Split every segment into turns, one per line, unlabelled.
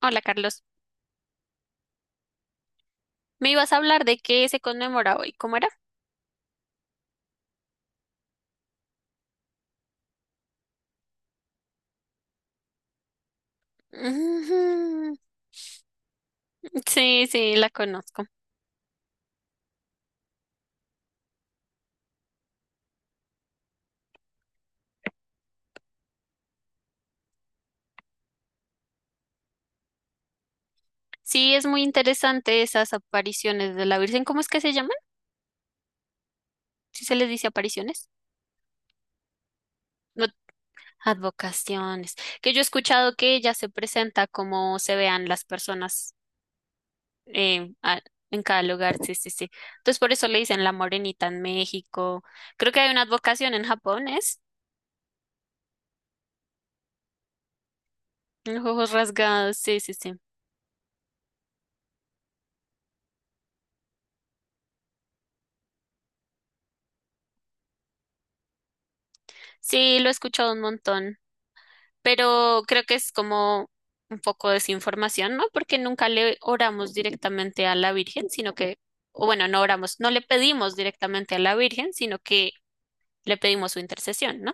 Hola, Carlos. Me ibas a hablar de qué se conmemora hoy. ¿Cómo era? Ujú. Sí, sí, la conozco. Sí, es muy interesante esas apariciones de la Virgen. ¿Cómo es que se llaman? Si se les dice apariciones. No, advocaciones. Que yo he escuchado que ella se presenta como se vean las personas eh, a- en cada lugar. Sí, sí, sí. Entonces por eso le dicen la morenita en México. Creo que hay una advocación en Japón, ¿es? Los ojos rasgados. Sí, sí, sí. Sí, lo he escuchado un montón. Pero creo que es como un poco desinformación, ¿no? Porque nunca le oramos directamente a la Virgen, sino que, o bueno, no oramos, no le pedimos directamente a la Virgen, sino que le pedimos su intercesión, ¿no?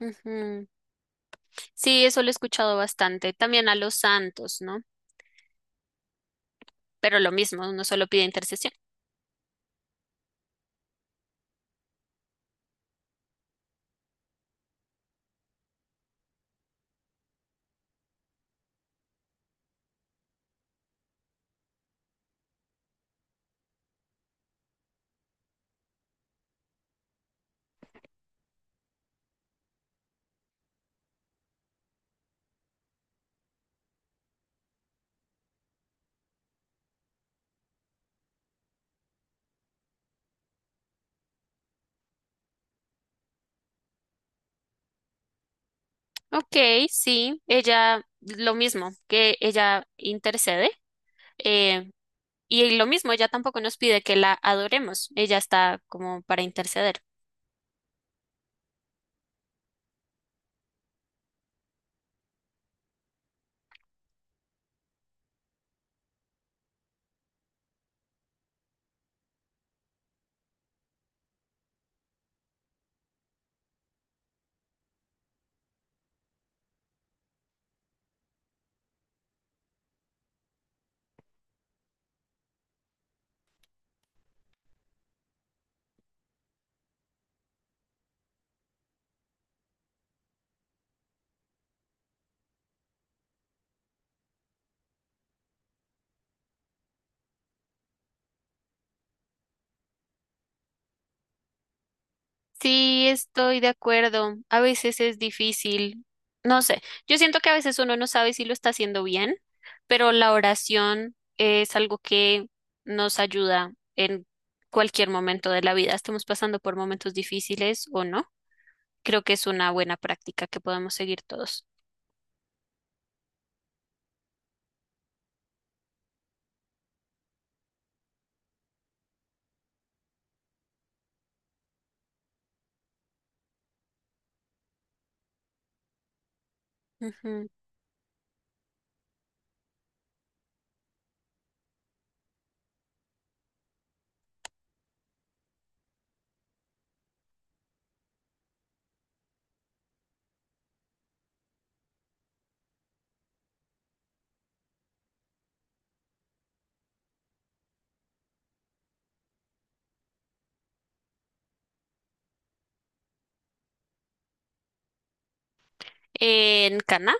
Ujú. Sí, eso lo he escuchado bastante. También a los santos, ¿no? Pero lo mismo, uno solo pide intercesión. Ok, sí, ella, lo mismo, que ella intercede. eh, y lo mismo, ella tampoco nos pide que la adoremos. Ella está como para interceder. Sí, estoy de acuerdo. A veces es difícil. No sé, yo siento que a veces uno no sabe si lo está haciendo bien, pero la oración es algo que nos ayuda en cualquier momento de la vida. Estamos pasando por momentos difíciles o no. Creo que es una buena práctica que podemos seguir todos. Ujú. En Cana,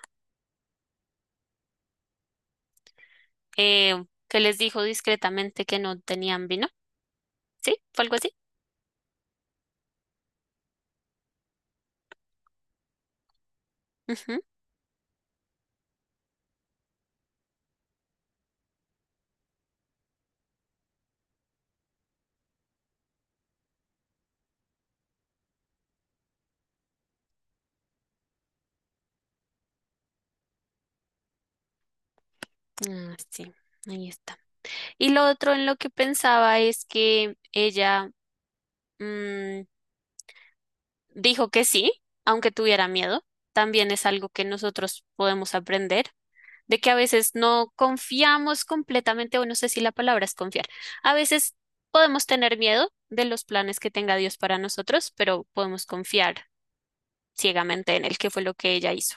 que les dijo discretamente que no tenían vino. ¿Sí? ¿Fue algo así? Ujú. Ah, sí, ahí está. Y lo otro en lo que pensaba es que ella mm, dijo que sí, aunque tuviera miedo. También es algo que nosotros podemos aprender, de que a veces no confiamos completamente, o no sé si la palabra es confiar. A veces podemos tener miedo de los planes que tenga Dios para nosotros, pero podemos confiar ciegamente en él, que fue lo que ella hizo.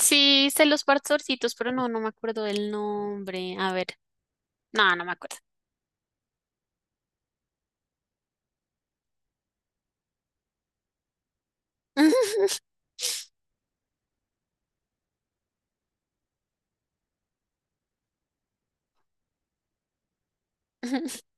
Sí, sé los pastorcitos, pero no, no me acuerdo del nombre. A ver, no, no me acuerdo.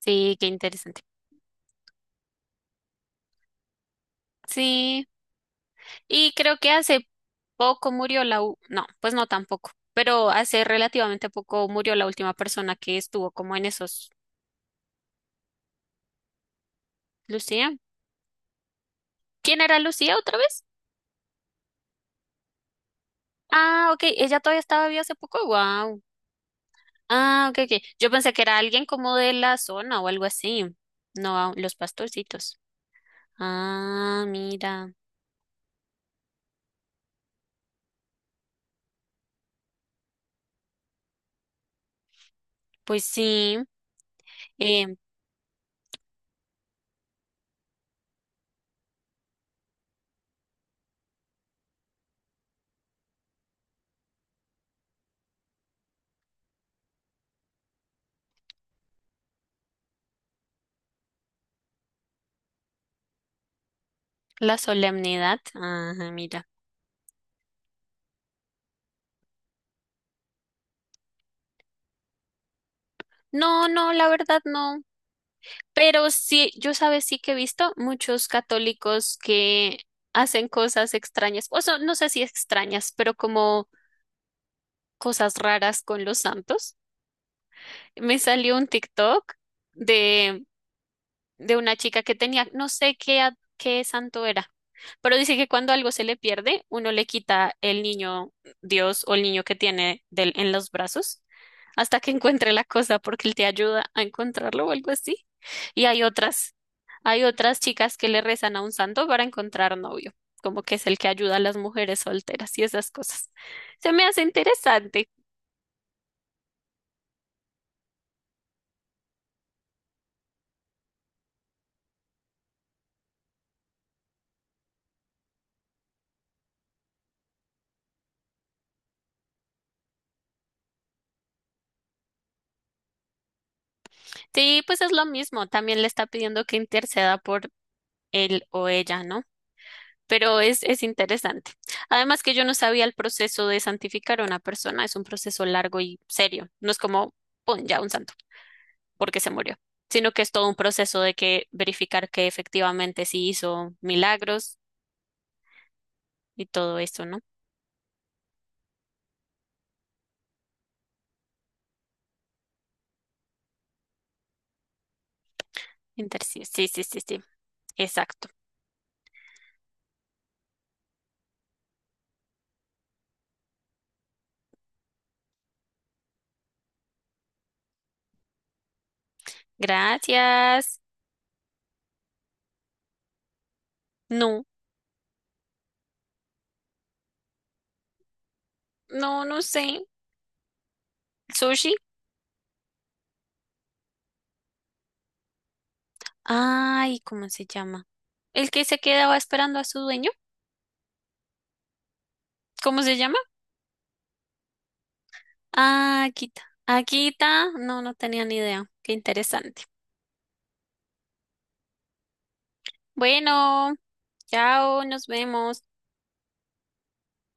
Sí, qué interesante. Sí, y creo que hace poco murió la u- No, pues no tampoco, pero hace relativamente poco murió la última persona que estuvo como en esos. ¿Lucía? ¿Quién era Lucía otra vez? Ah, ok, ella todavía estaba viva hace poco. Wow. Ah, ok, ok. Yo pensé que era alguien como de la zona o algo así. No, los pastorcitos. Ah, mira. Pues sí. Eh, la solemnidad, ajá, mira. No, no, la verdad no. Pero sí, yo sabes, sí que he visto muchos católicos que hacen cosas extrañas, o sea, no sé si extrañas, pero como cosas raras con los santos. Me salió un TikTok de una chica que tenía, no sé qué, a- qué santo era, pero dice que cuando algo se le pierde, uno le quita el niño Dios o el niño que tiene del, en los brazos hasta que encuentre la cosa porque él te ayuda a encontrarlo o algo así. Y hay otras chicas que le rezan a un santo para encontrar novio, como que es el que ayuda a las mujeres solteras y esas cosas. Se me hace interesante. Sí, pues es lo mismo, también le está pidiendo que interceda por él o ella, ¿no? Pero es interesante. Además que yo no sabía el proceso de santificar a una persona, es un proceso largo y serio. No es como, pon ya un santo, porque se murió, sino que es todo un proceso de que verificar que efectivamente sí hizo milagros y todo eso, ¿no? Inter- sí, sí, sí, sí, sí. Exacto. Gracias. No, no, no sé. ¿Sushi? Ay, ¿cómo se llama? ¿El que se quedaba esperando a su dueño? ¿Cómo se llama? Ah, Akita. Akita, no, no tenía ni idea. Qué interesante. Bueno, chao, nos vemos.